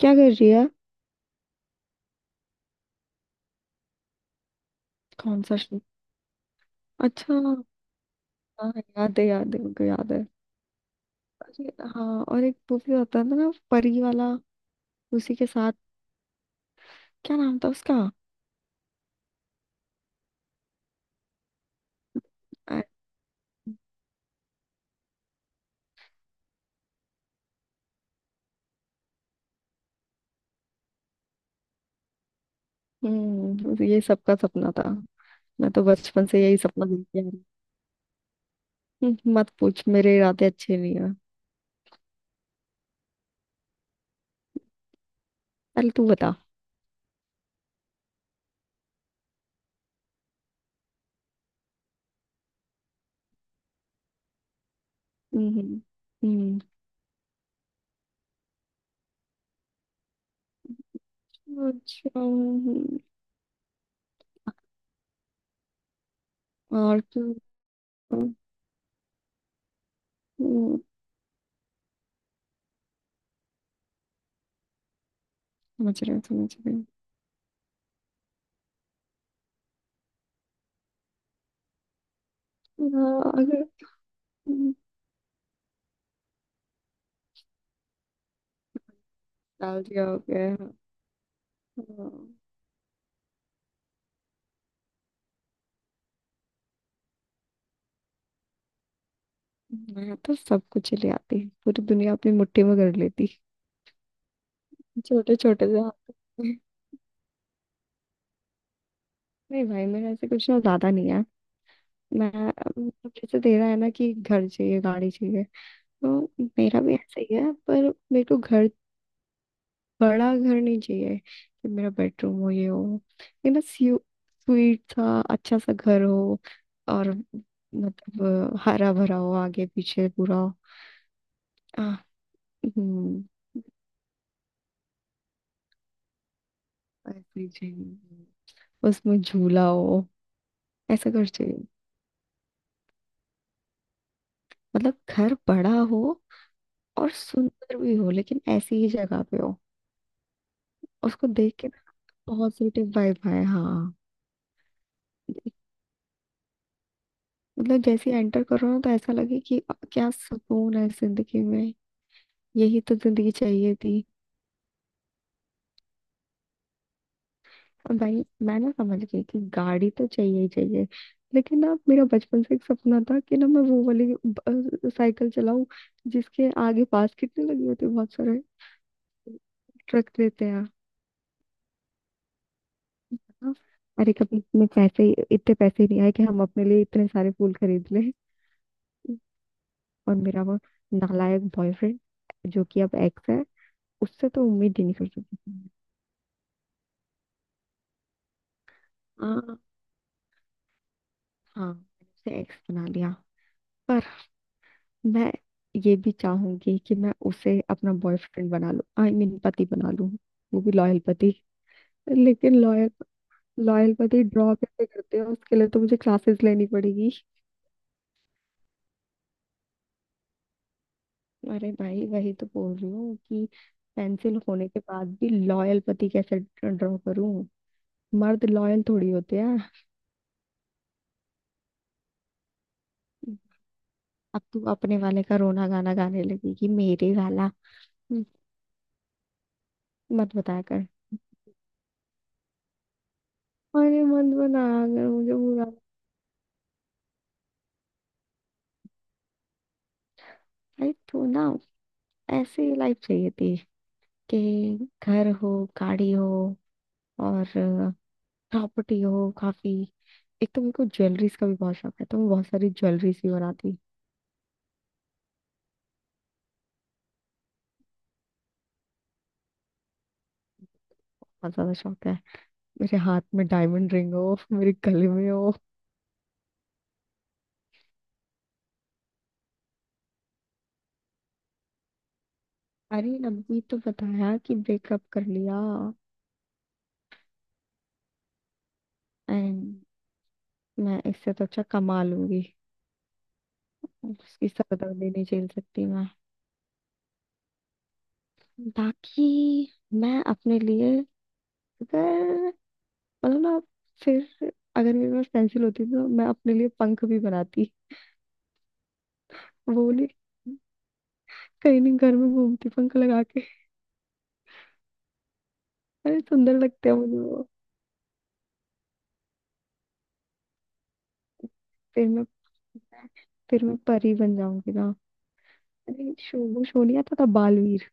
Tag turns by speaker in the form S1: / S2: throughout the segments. S1: क्या कर रही है? कौन सा शो? अच्छा। हाँ। याद है उनको याद है। अरे हाँ, और एक वो भी होता था ना, परी वाला। उसी के साथ। क्या नाम था उसका? अ- ये सबका सपना था। मैं तो बचपन से यही सपना देखती आ रही हूँ। मत पूछ, मेरे इरादे अच्छे नहीं है। पहले तू बता। हम्म। हम्म। अच्छा। और तू? हम्म, समझ रहे, समझ रहे। हाँ, अगर हम्म, डाल दिया, हो गया है। हाँ। मैं तो सब कुछ ले आती, पूरी दुनिया अपनी मुट्ठी में कर लेती। छोटे छोटे से हाथ। नहीं भाई, मेरा ऐसे कुछ ना, ज्यादा नहीं है। मैं मतलब, जैसे दे रहा है ना कि घर चाहिए, गाड़ी चाहिए। तो मेरा भी ऐसा ही है, पर मेरे को घर, बड़ा घर नहीं चाहिए, कि मेरा बेडरूम हो, ये हो, ये ना, स्वीट सा अच्छा सा घर हो। और मतलब हरा भरा हो आगे पीछे पूरा। आह, हम्म। ऐसे ही चाहिए। उसमें झूला हो। ऐसा कर चाहिए। मतलब घर बड़ा हो और सुंदर भी हो, लेकिन ऐसी ही जगह पे हो। उसको देख के ना पॉजिटिव वाइब आए, हाँ। मतलब जैसे एंटर करो ना तो ऐसा लगे कि क्या सुकून है जिंदगी में, यही तो जिंदगी चाहिए थी। और भाई मैं ना समझ गई कि गाड़ी तो चाहिए ही चाहिए। लेकिन ना मेरा बचपन से एक सपना था कि ना मैं वो वाली साइकिल चलाऊं, जिसके आगे बास्केट नहीं लगी होती, बहुत सारे ट्रक देते हैं। हाँ। अरे कभी इतने पैसे नहीं आए कि हम अपने लिए इतने सारे फूल खरीद लें। और मेरा वो नालायक बॉयफ्रेंड, जो कि अब एक्स है, उससे तो उम्मीद ही नहीं कर सकती थी। हाँ। हाँ, मैंने उसे एक्स बना लिया। पर मैं ये भी चाहूंगी कि मैं उसे अपना बॉयफ्रेंड बना लूं, आई मीन पति बना लूं। वो भी लॉयल पति, लेकिन लॉयल, लॉयल पति ड्रॉप ऐसे करते हैं, उसके लिए तो मुझे क्लासेस लेनी पड़ेगी। अरे भाई, वही तो बोल रही हूँ कि पेंसिल होने के बाद भी लॉयल पति कैसे ड्रॉ करूं। मर्द लॉयल थोड़ी होते हैं। अब तू अपने वाले का रोना गाना गाने लगी कि मेरे वाला, हम्म, मत बताया कर। अरे मत बना अगर मुझे बुरा लगा। भाई तो ना ऐसी लाइफ चाहिए थी, कि घर हो, गाड़ी हो, और प्रॉपर्टी हो काफी। एक तो मेरे को ज्वेलरीज का भी बहुत शौक है, तो मैं बहुत सारी ज्वेलरीज भी बनाती। बहुत ज्यादा शौक है। मेरे हाथ में डायमंड रिंग हो, मेरे गले में हो। अरे अभी तो बताया कि ब्रेकअप कर लिया। एंड मैं इससे तो अच्छा कमा लूंगी। उसकी सर दर्द ही नहीं झेल सकती मैं। बाकी, मैं अपने लिए, अगर, मतलब ना, फिर अगर मेरे पास पेंसिल होती तो मैं अपने लिए पंख भी बनाती। वो नहीं, कहीं नहीं, घर में घूमती पंख लगा के। अरे सुंदर लगते हैं मुझे वो। फिर मैं फिर मैं परी बन जाऊंगी ना। अरे शोभू, शोनिया तथा बालवीर।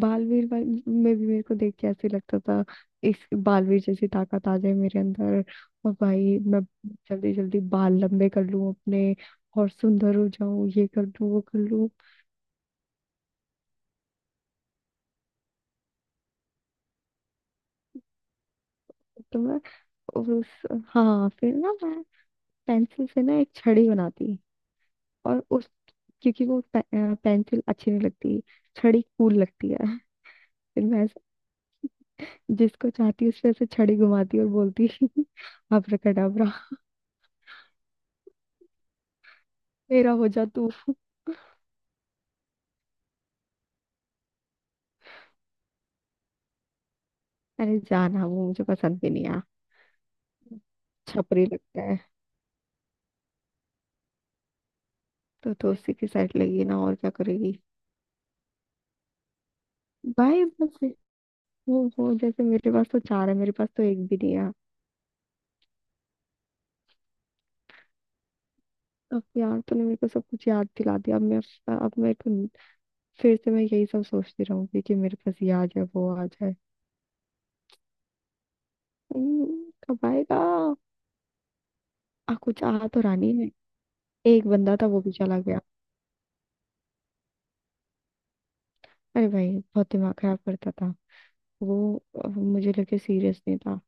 S1: बालवीर में भी मेरे को देख के ऐसे लगता था, इस बालवीर जैसी ताकत आ जाए मेरे अंदर। और भाई मैं जल्दी जल्दी बाल लंबे कर लूं अपने, और सुंदर हो जाऊं, ये कर लूं वो कर लूं। तो मैं और उस, हाँ फिर ना मैं पेंसिल से ना एक छड़ी बनाती। और उस, क्योंकि वो पेंसिल अच्छी नहीं लगती, छड़ी कूल लगती है। फिर मैं जिसको चाहती उस पे ऐसे छड़ी घुमाती और बोलती अब्राकडाब्रा, मेरा हो जा तू। अरे जाना, वो मुझे पसंद भी नहीं है। छपरी लगता है। तो उसी की साइड लगी ना, और क्या करेगी? भाई बस, वो जैसे मेरे पास तो चार है, मेरे पास तो एक भी नहीं है। अब यार, तूने मेरे को सब कुछ याद दिला दिया। अब मैं तो फिर से मैं यही सब सोचती रहूंगी कि मेरे पास ये आ जाए, वो आ जाए। कब आएगा? आ कुछ, आ तो रानी है। एक बंदा था, वो भी चला गया। अरे भाई, बहुत दिमाग खराब करता था वो, मुझे लगे सीरियस नहीं था।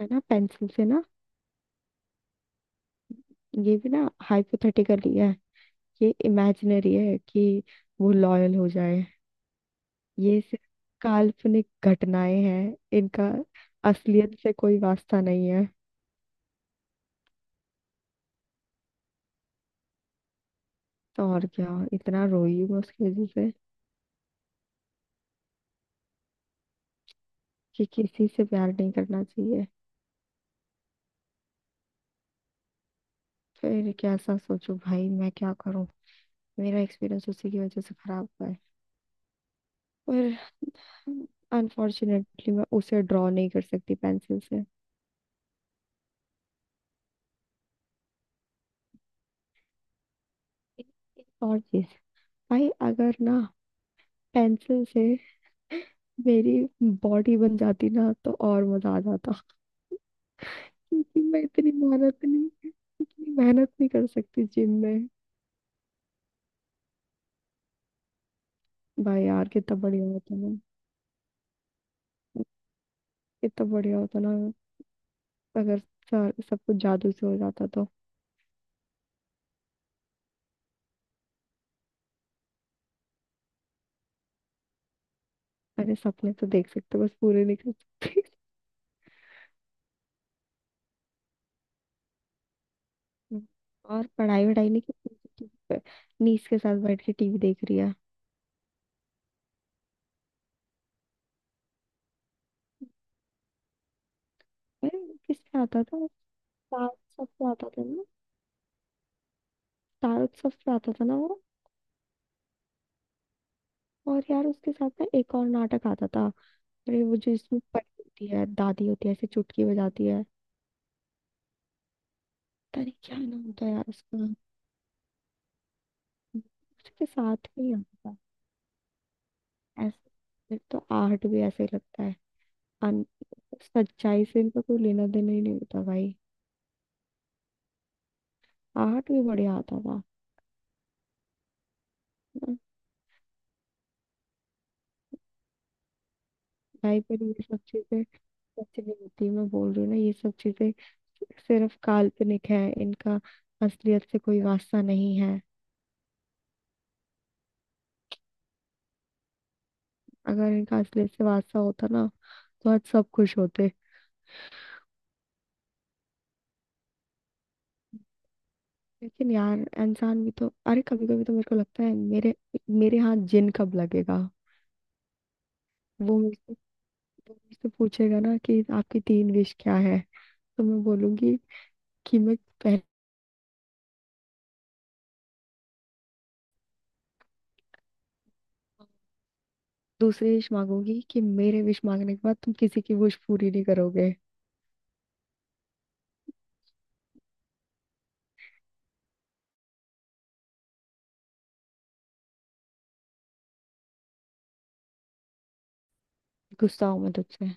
S1: है ना, पेंसिल से ना ये भी ना हाइपोथेटिकली है, ये इमेजिनरी है कि वो लॉयल हो जाए। ये सिर्फ काल्पनिक घटनाएं हैं, इनका असलियत से कोई वास्ता नहीं है। तो और क्या, इतना रोई मैं उसकी वजह से कि किसी से प्यार नहीं करना चाहिए। फिर कैसा सोचूं भाई, मैं क्या करूं? मेरा एक्सपीरियंस उसी की वजह से खराब हुआ है। पर अनफॉर्चुनेटली मैं उसे ड्रॉ नहीं कर सकती पेंसिल से। एक और चीज, भाई अगर ना पेंसिल से मेरी बॉडी बन जाती ना, तो और मजा आ जाता। क्योंकि मैं इतनी मेहनत नहीं कर सकती जिम में। भाई यार, कितना बढ़िया होता ना अगर सब कुछ जादू से हो जाता तो। अरे सपने तो देख सकते, बस पूरे नहीं कर सकते। और पढ़ाई वढ़ाई नहीं कर सकती, नीस के साथ बैठ के टीवी देख रही है। अरे किससे आता था? स्टार उत्सव से आता था ना। स्टार उत्सव से आता था ना वो। और यार उसके साथ ना एक और नाटक आता था। अरे वो जो इसमें परी होती है, दादी होती है, ऐसे चुटकी बजाती है। पता नहीं क्या नाम होता है यार उसका। उसके साथ ही आता है ऐसे, फिर तो आहट भी ऐसे ही लगता है। अन, सच्चाई से इनका कोई लेना देना ही नहीं होता भाई। आहट भी बढ़िया आता था। हाँ। भाई पर ये सब चीजें सच्ची नहीं होती, मैं बोल रही हूँ ना, ये सब चीजें सिर्फ काल्पनिक है, इनका असलियत से कोई वास्ता नहीं है। अगर इनका असलियत से वास्ता होता ना, तो आज सब खुश होते। लेकिन यार इंसान भी तो, अरे कभी कभी तो मेरे को लगता है मेरे मेरे हाथ जिन कब लगेगा। वो मुझसे वो मुझसे पूछेगा ना कि आपकी तीन विश क्या है, तो मैं बोलूंगी कि मैं पहले, दूसरी विश मांगूंगी कि मेरे विश मांगने के बाद तुम किसी की विश पूरी नहीं करोगे। गुस्सा हूं मैं तुझसे।